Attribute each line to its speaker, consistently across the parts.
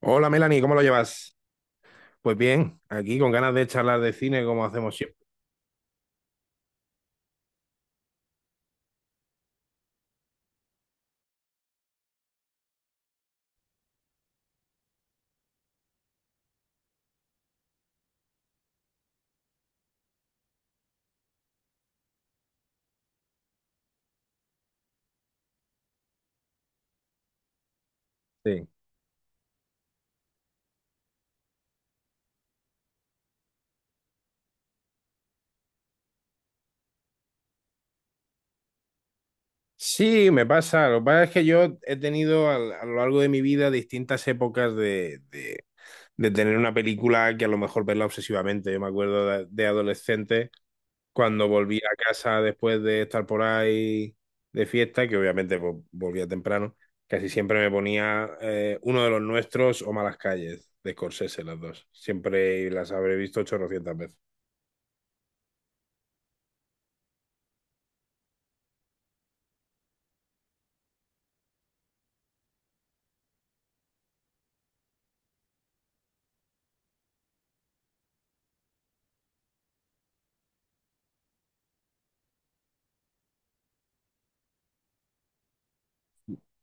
Speaker 1: Hola Melanie, ¿cómo lo llevas? Pues bien, aquí con ganas de charlar de cine como hacemos siempre. Sí, sí, me pasa. Lo que pasa es que yo he tenido lo largo de mi vida distintas épocas de tener una película que a lo mejor verla obsesivamente. Yo me acuerdo de adolescente, cuando volví a casa después de estar por ahí de fiesta, que obviamente pues, volvía temprano, casi siempre me ponía uno de los nuestros o Malas Calles, de Scorsese, las dos. Siempre las habré visto 800 veces.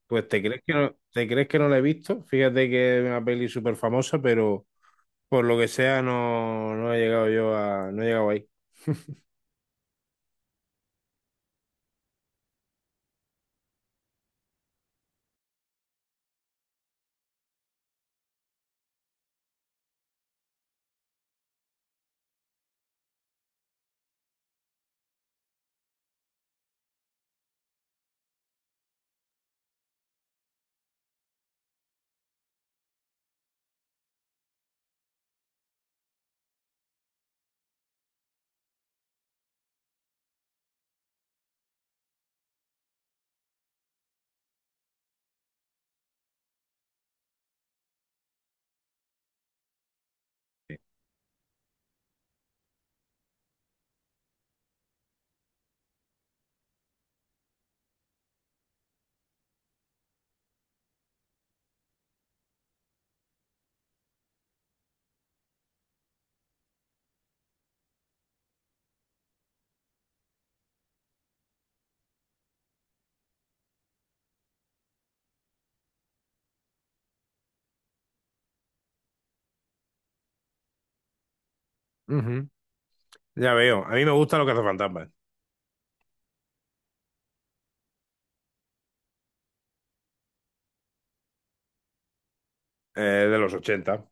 Speaker 1: Pues te crees que no, te crees que no la he visto. Fíjate que es una peli súper famosa, pero por lo que sea no, no he llegado yo a, no he llegado ahí. Ujú. Ya veo. A mí me gusta lo que hace Fantasmas. Eh, de los ochenta.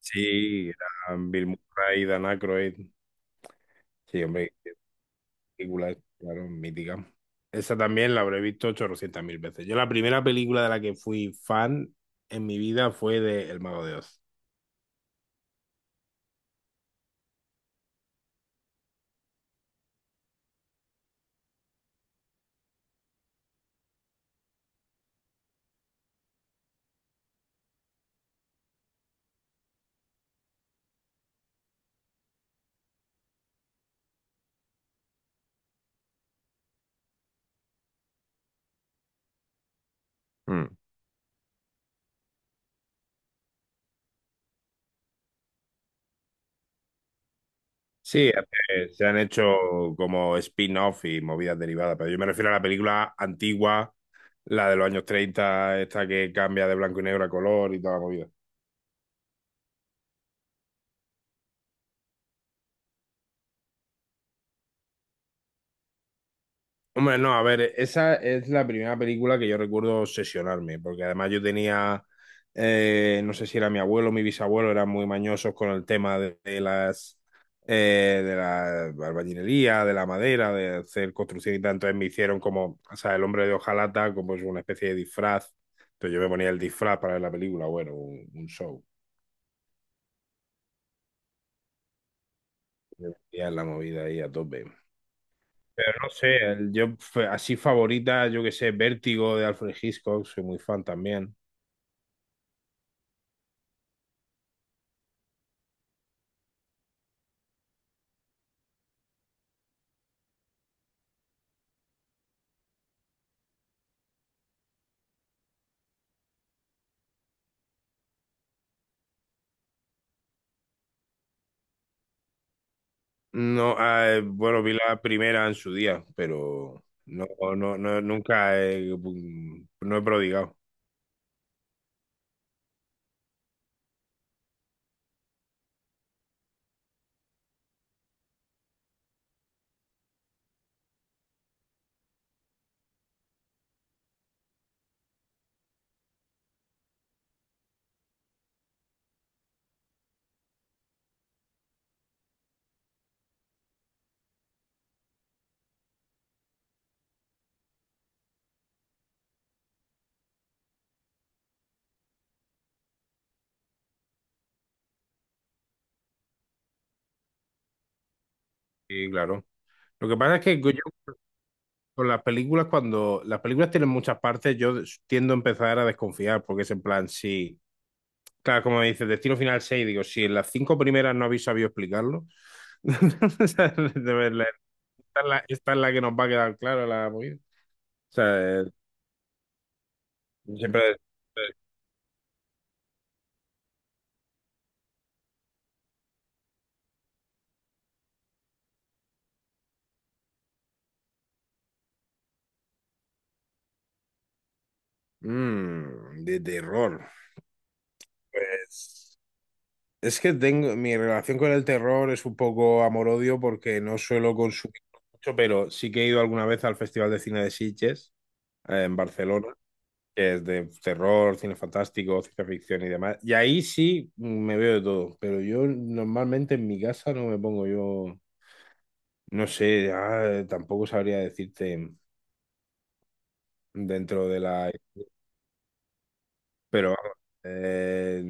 Speaker 1: Sí, eran Bill Murray, Dan Aykroyd. Sí, hombre, película, claro, mítica. Esa también la habré visto 800.000 mil veces. Yo la primera película de la que fui fan en mi vida fue de El Mago de Oz. Sí, se han hecho como spin-off y movidas derivadas, pero yo me refiero a la película antigua, la de los años 30, esta que cambia de blanco y negro a color y toda la movida. Hombre, no, a ver, esa es la primera película que yo recuerdo obsesionarme, porque además yo tenía, no sé si era mi abuelo o mi bisabuelo, eran muy mañosos con el tema de las, de la albañilería, de la madera, de hacer construcción y tal. Entonces me hicieron como, o sea, el hombre de hojalata, como es una especie de disfraz. Entonces yo me ponía el disfraz para ver la película, bueno, un show, y en la movida ahí a tope. Pero no sé, así favorita, yo que sé, Vértigo de Alfred Hitchcock, soy muy fan también. No, ah, bueno, vi la primera en su día, pero no, nunca he, mm, no he prodigado. Sí, claro. Lo que pasa es que yo con las películas, cuando las películas tienen muchas partes, yo tiendo a empezar a desconfiar, porque es en plan, sí, claro, como dices, Destino Final 6 digo, si en las cinco primeras no habéis sabido explicarlo, o sea, de verdad, esta es la que nos va a quedar clara la movida. O sea, siempre... eh, mm, de terror. Pues. Es que tengo, mi relación con el terror es un poco amor-odio porque no suelo consumir mucho, pero sí que he ido alguna vez al Festival de Cine de Sitges, en Barcelona, que es de terror, cine fantástico, ciencia ficción y demás. Y ahí sí me veo de todo, pero yo normalmente en mi casa no me pongo yo, no sé, ah, tampoco sabría decirte dentro de la. Pero vamos, eh,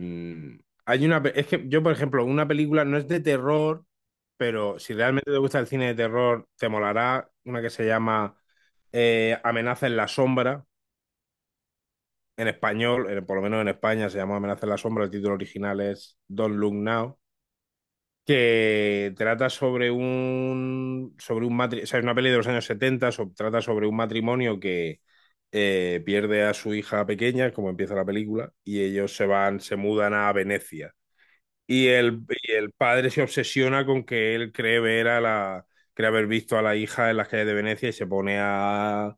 Speaker 1: hay es que yo, por ejemplo, una película no es de terror, pero si realmente te gusta el cine de terror, te molará una que se llama Amenaza en la sombra, en español, por lo menos en España se llama Amenaza en la sombra, el título original es Don't Look Now, que trata sobre sobre un matrimonio, o sea, es una peli de los años 70. Trata sobre un matrimonio que pierde a su hija pequeña, como empieza la película, y ellos se van, se mudan a Venecia. Y y el padre se obsesiona con que él cree ver a la, cree haber visto a la hija en las calles de Venecia y se pone a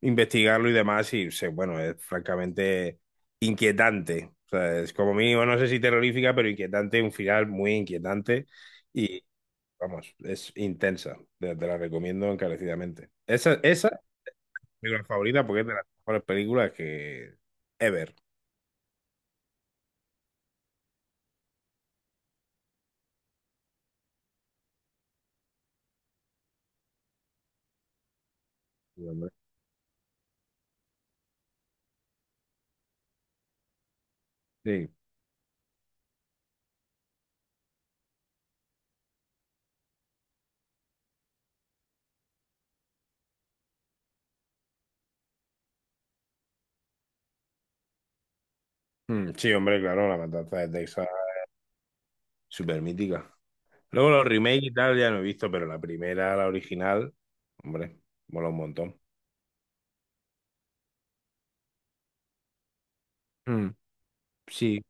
Speaker 1: investigarlo y demás. Bueno, es francamente inquietante. O sea, es como mínimo, no sé si terrorífica, pero inquietante, un final muy inquietante. Y vamos, es intensa. Te la recomiendo encarecidamente. Esa es mi película favorita porque es de las mejores películas que ever. Sí, hombre. Sí, mm, sí, hombre, claro, La Matanza de Texas, súper mítica. Luego los remakes y tal ya no he visto, pero la primera, la original, hombre, mola un montón. Mm, sí.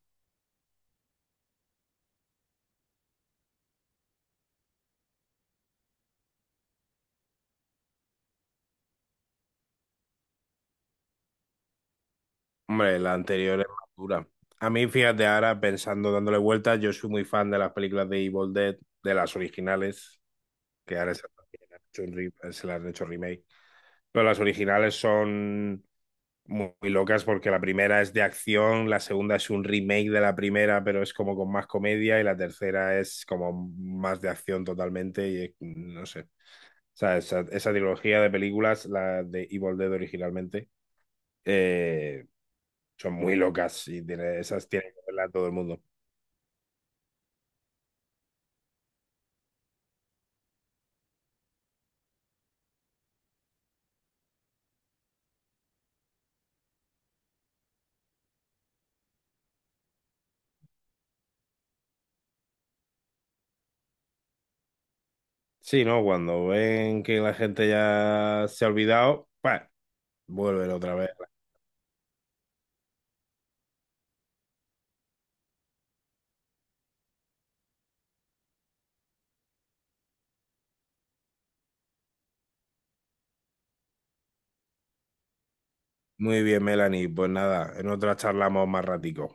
Speaker 1: Hombre, la anterior es más dura. A mí, fíjate, ahora pensando, dándole vueltas, yo soy muy fan de las películas de Evil Dead, de las originales, que ahora se las han hecho remake. Pero las originales son muy, muy locas porque la primera es de acción, la segunda es un remake de la primera, pero es como con más comedia y la tercera es como más de acción totalmente y no sé. O sea, esa trilogía de películas, la de Evil Dead originalmente, eh, son muy locas y tiene, esas tiene que verla todo el mundo. Sí, ¿no? Cuando ven que la gente ya se ha olvidado, pues vuelven otra vez. Muy bien, Melanie. Pues nada, en otra charlamos más ratico.